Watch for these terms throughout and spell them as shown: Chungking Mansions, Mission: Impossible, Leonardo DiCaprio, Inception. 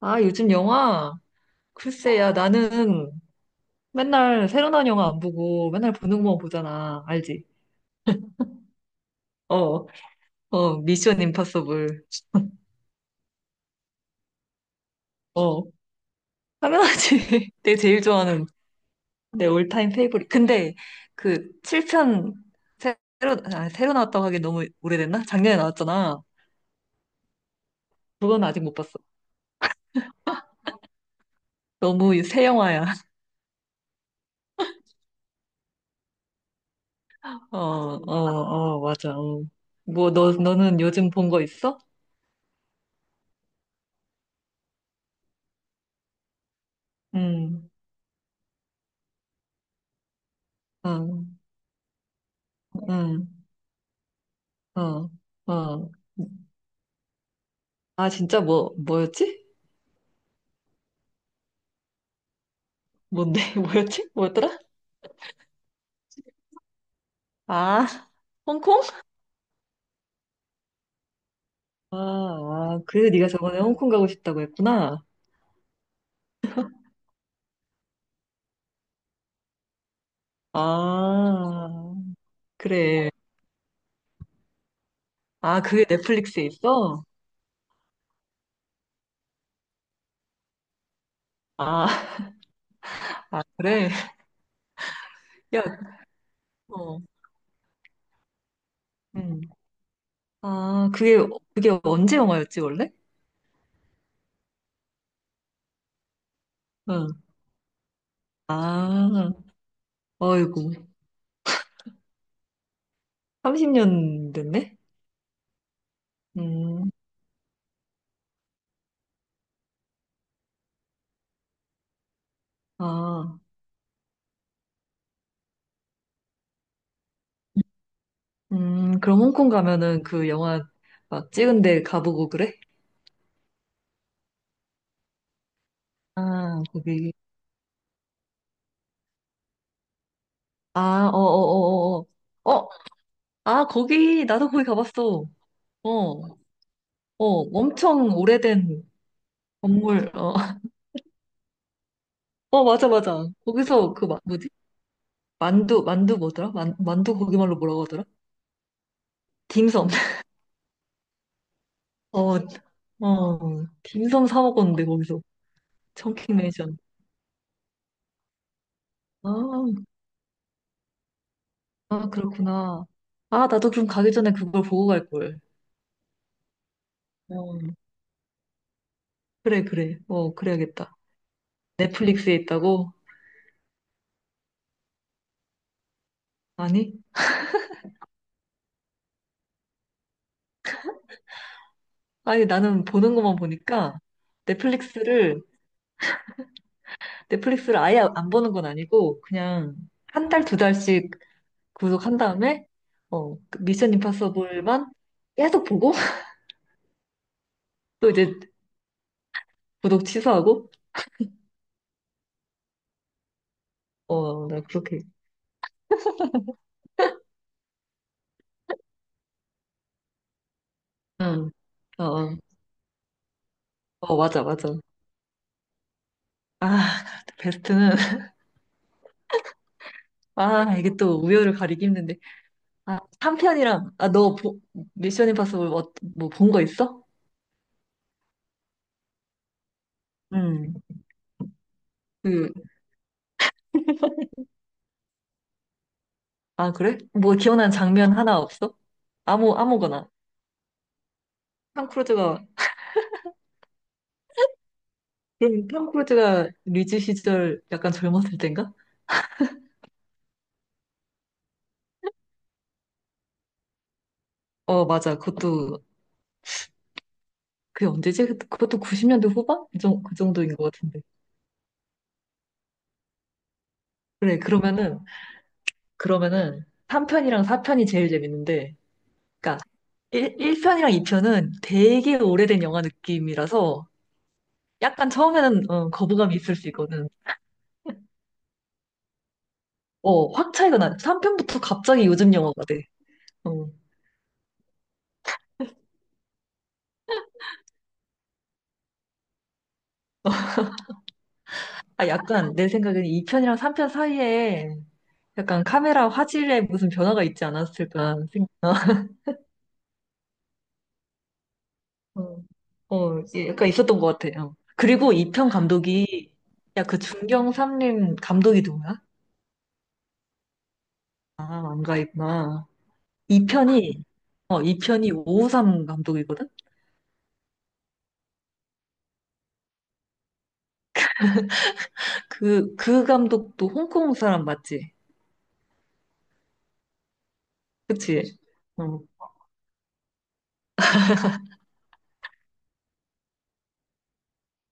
아, 요즘 영화? 글쎄, 야, 나는 맨날 새로 나온 영화 안 보고 맨날 보는 것만 보잖아. 알지? 어, 어, 미션 임파서블. 어, 당연하지. 내 제일 좋아하는 내 올타임 페이보릿. 근데 그 7편 새로 나왔다고 하기 너무 오래됐나? 작년에 나왔잖아. 그건 아직 못 봤어. 너무 새 영화야. 어, 어, 어, 맞아. 어. 뭐, 너는 요즘 본 거 있어? 응, 어, 응, 어, 어. 아, 진짜 뭐였지? 뭔데? 뭐였지? 뭐였더라? 아, 홍콩? 아, 그래서 네가 저번에 홍콩 가고 싶다고 했구나. 아, 그래. 아, 그게 넷플릭스에 있어? 아, 아, 그래. 야, 어, 음. 아, 그게 언제 영화였지, 원래? 응. 아, 어이구. 30년 됐네? 음, 아, 그럼 홍콩 가면은 그 영화 막 찍은 데 가보고 그래? 아, 거기 아, 어, 어, 어, 어, 어. 어, 아, 거기, 나도 거기 가봤어. 어, 어, 엄청 오래된 건물, 어. 어, 맞아, 맞아. 거기서 그, 뭐지? 만두 뭐더라? 만두 거기말로 뭐라고 하더라? 딤섬. 어, 어, 딤섬 사 먹었는데, 거기서. 청킹 매니션. 아, 아, 그렇구나. 아, 나도 그럼 가기 전에 그걸 보고 갈걸. 어, 그래, 그래. 어, 그래야겠다. 넷플릭스에 있다고? 아니? 아니, 나는 보는 것만 보니까 넷플릭스를 넷플릭스를 아예 안 보는 건 아니고 그냥 한 달, 두 달씩 구독한 다음에 어, 그 미션 임파서블만 계속 보고 또 이제 구독 취소하고 어, 나 그렇게 응. 어, 어, 어, 맞아, 맞아. 아, 베스트는 아, 이게 또 우열을 가리기 힘든데. 아, 3편이랑 아, 너 보, 미션 임파서블 뭐본 거 있어? 응. 그, 아, 그래? 뭐 기억나는 장면 하나 없어? 아무거나. 톰 크루즈가 그럼 톰 크루즈가 리즈 시절 약간 젊었을 땐가? 어, 맞아. 그것도, 그게 언제지? 그것도 90년대 후반? 그 정도인 것 같은데. 그래, 그러면은 3편이랑 4편이 제일 재밌는데, 그러니까 1, 편이랑 2편은 되게 오래된 영화 느낌이라서 약간 처음에는 어, 거부감이 있을 수 있거든. 어, 확 차이가 나. 3편부터 갑자기 요즘 영화가 돼. 어. 아, 약간 내 생각에는 2편이랑 3편 사이에 약간 카메라 화질에 무슨 변화가 있지 않았을까 생각, 어, 어, 예, 약간 있었던 것 같아요. 그리고 2편 감독이, 야, 그 중경 삼림 감독이 누구야? 아, 안가 있구나. 2편이, 어, 2편이 553 감독이거든? 그 감독도 홍콩 사람 맞지? 그치? 어,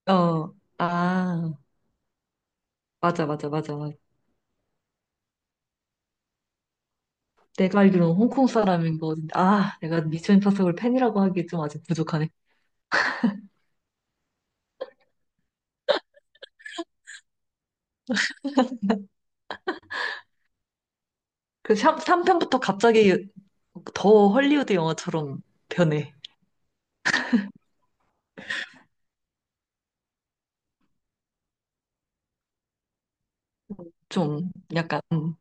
어, 아, 맞아, 맞아, 맞아. 맞아. 내가 알기로는 홍콩 사람인 거 같은데, 아, 내가 미션 임파서블 팬이라고 하기에 좀 아직 부족하네. 그 3편부터 갑자기 더 헐리우드 영화처럼 변해. 좀 약간,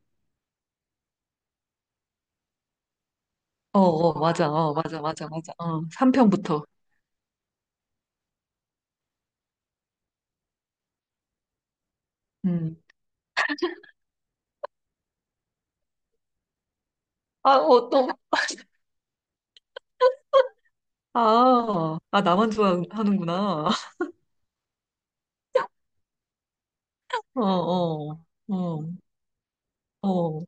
어, 어, 맞아, 어, 맞아, 맞아, 맞아. 어, 3편부터. 음. 아, 어, 또, 아, 나만 좋아하는구나. 어, 어, 어, 어,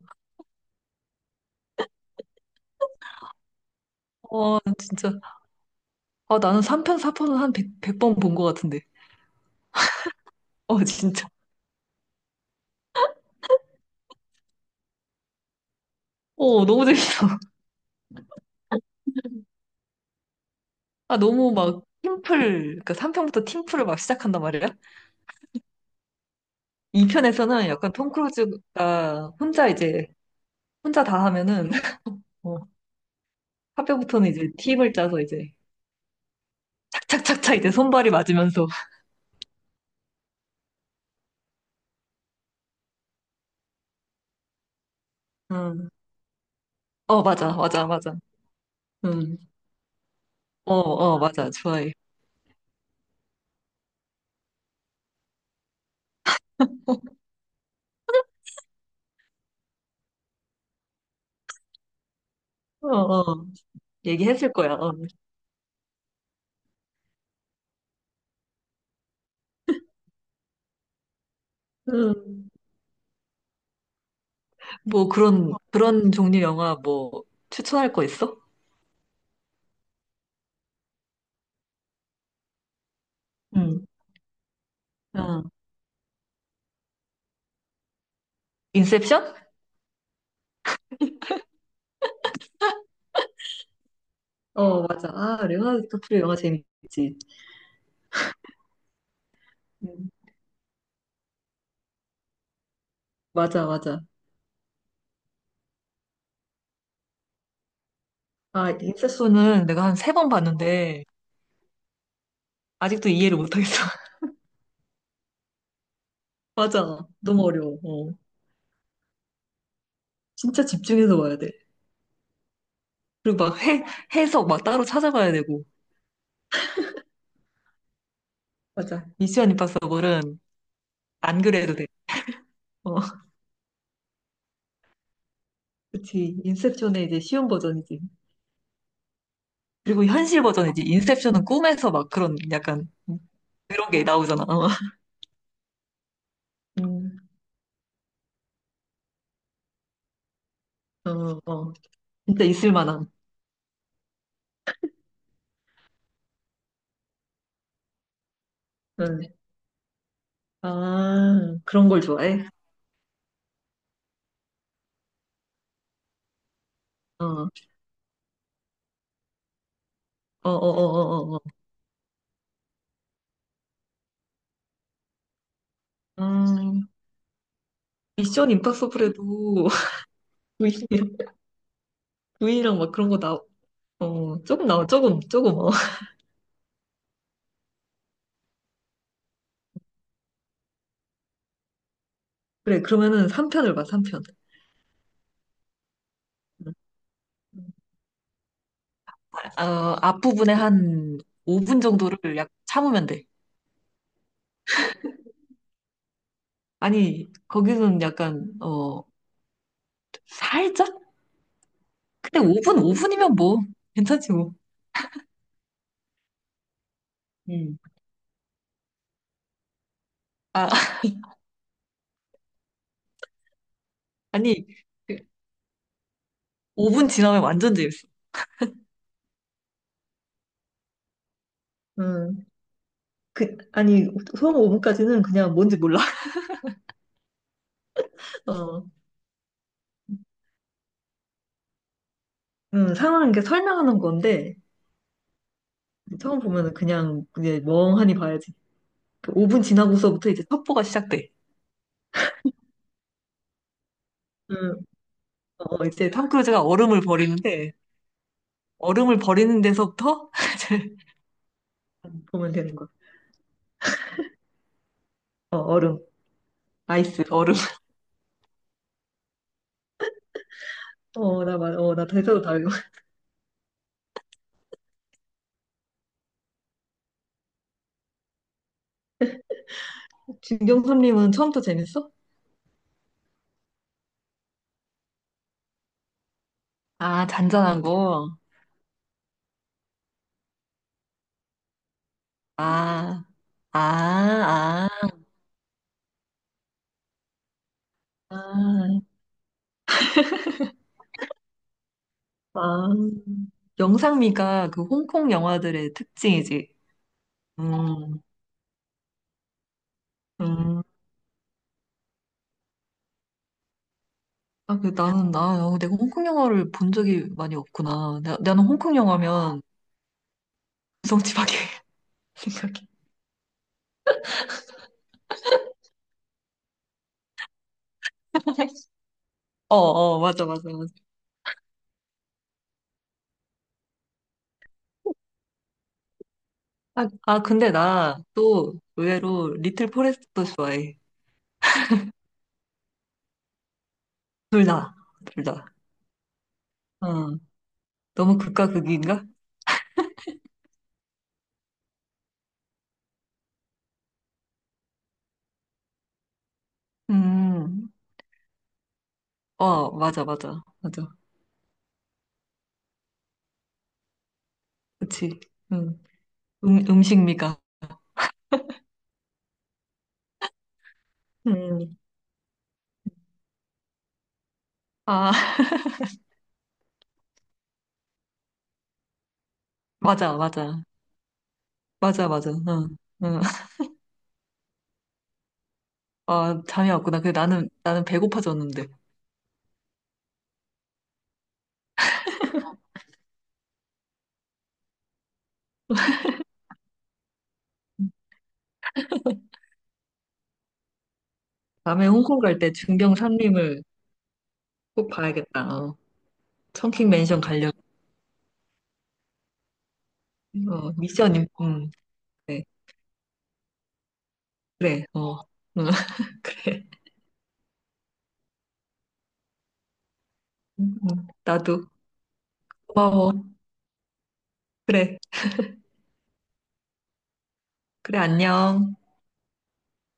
어, 진짜. 아, 나는 3편, 4편은 한 100, 번 본 것 같은데. 어, 진짜. 어, 너무 재밌어. 아, 너무 막 팀플, 그 3편부터 팀플을 막 시작한단 말이야? 2편에서는 약간 톰 크루즈가 혼자 다 하면은, 어, 4편부터는 이제 팀을 짜서 이제, 착착착착 이제 손발이 맞으면서, 음, 어, 맞아, 맞아, 맞아. 음, 어, 어, 맞아, 좋아해. 어, 어, 얘기했을 거야. 어. 음, 뭐 그런 종류 영화 뭐 추천할 거 있어? 응, 어, 인셉션? 어, 맞아. 아, 레오나르도 디프리오 영화 재밌지. 음, 맞아, 맞아. 아, 인셉스는 내가 한 세 번 봤는데, 아직도 이해를 못하겠어. 맞아. 너무 어려워. 어. 진짜 집중해서 봐야 돼. 그리고 막 해석 막 따로 찾아봐야 되고. 맞아. 미션 임파서블은 안 그래도 돼. 어, 그치. 인셉션의 이제 쉬운 버전이지. 그리고 현실 버전이지. 인셉션은 꿈에서 막 그런 약간 그런 게 나오잖아. 어, 음, 어, 어. 진짜 있을 만한. 응. 아, 그런 걸 좋아해? 어, 어, 어, 어, 어, 어. 어. 미션 임파서블에도 V, V랑 막 그런 거 조금 나와, 조금, 조금, 어. 그래, 그러면은 3편을 봐, 3편. 어, 앞부분에 한 5분 정도를 약 참으면 돼. 아니, 거기는 약간, 어, 살짝? 근데 5분, 오 분이면 뭐, 괜찮지 뭐. 음. 아, 아니, 5분 지나면 완전 재밌어. 음, 그, 아니, 처음 5분까지는 그냥 뭔지 몰라. 어, 상황, 이렇게 설명하는 건데, 처음 보면은 그냥, 그냥 멍하니 봐야지. 그 5분 지나고서부터 이제 첩보가 시작돼. 음, 어, 이제 탐 크루즈가 얼음을 버리는데 얼음을 버리는 데서부터 이제 보면 되는 거야. 어, 얼음. 아이스 얼음. 어, 나 대사도 다 외워. 진경선님은 처음부터 재밌어? 아, 잔잔한 거. 아, 아, 아, 아. 아, 영상미가 그 홍콩 영화들의 특징이지. 음, 음. 아, 그 나는 내가 홍콩 영화를 본 적이 많이 없구나. 나는 홍콩 영화면 성취밖에 생각이. 어, 어, 맞아, 맞아, 맞아. 아, 근데 나 또 의외로 리틀 포레스트도 좋아해. 둘 다, 둘 다. 어, 너무 극과 극인가? 음, 어, 맞아, 맞아, 맞아. 그치. 음, 음식 미가. 음, 아, 맞아, 맞아. 맞아, 맞아. 응, 응. 아, 잠이 왔구나. 근데 나는 배고파졌는데. 다음에 홍콩 갈 때 중병 삼림을 꼭 봐야겠다. 어. 청킹 맨션 가려고. 어, 미션, 네. 그래, 어, 응, 그래. 응, 나도 고마워. 그래, 그래, 안녕.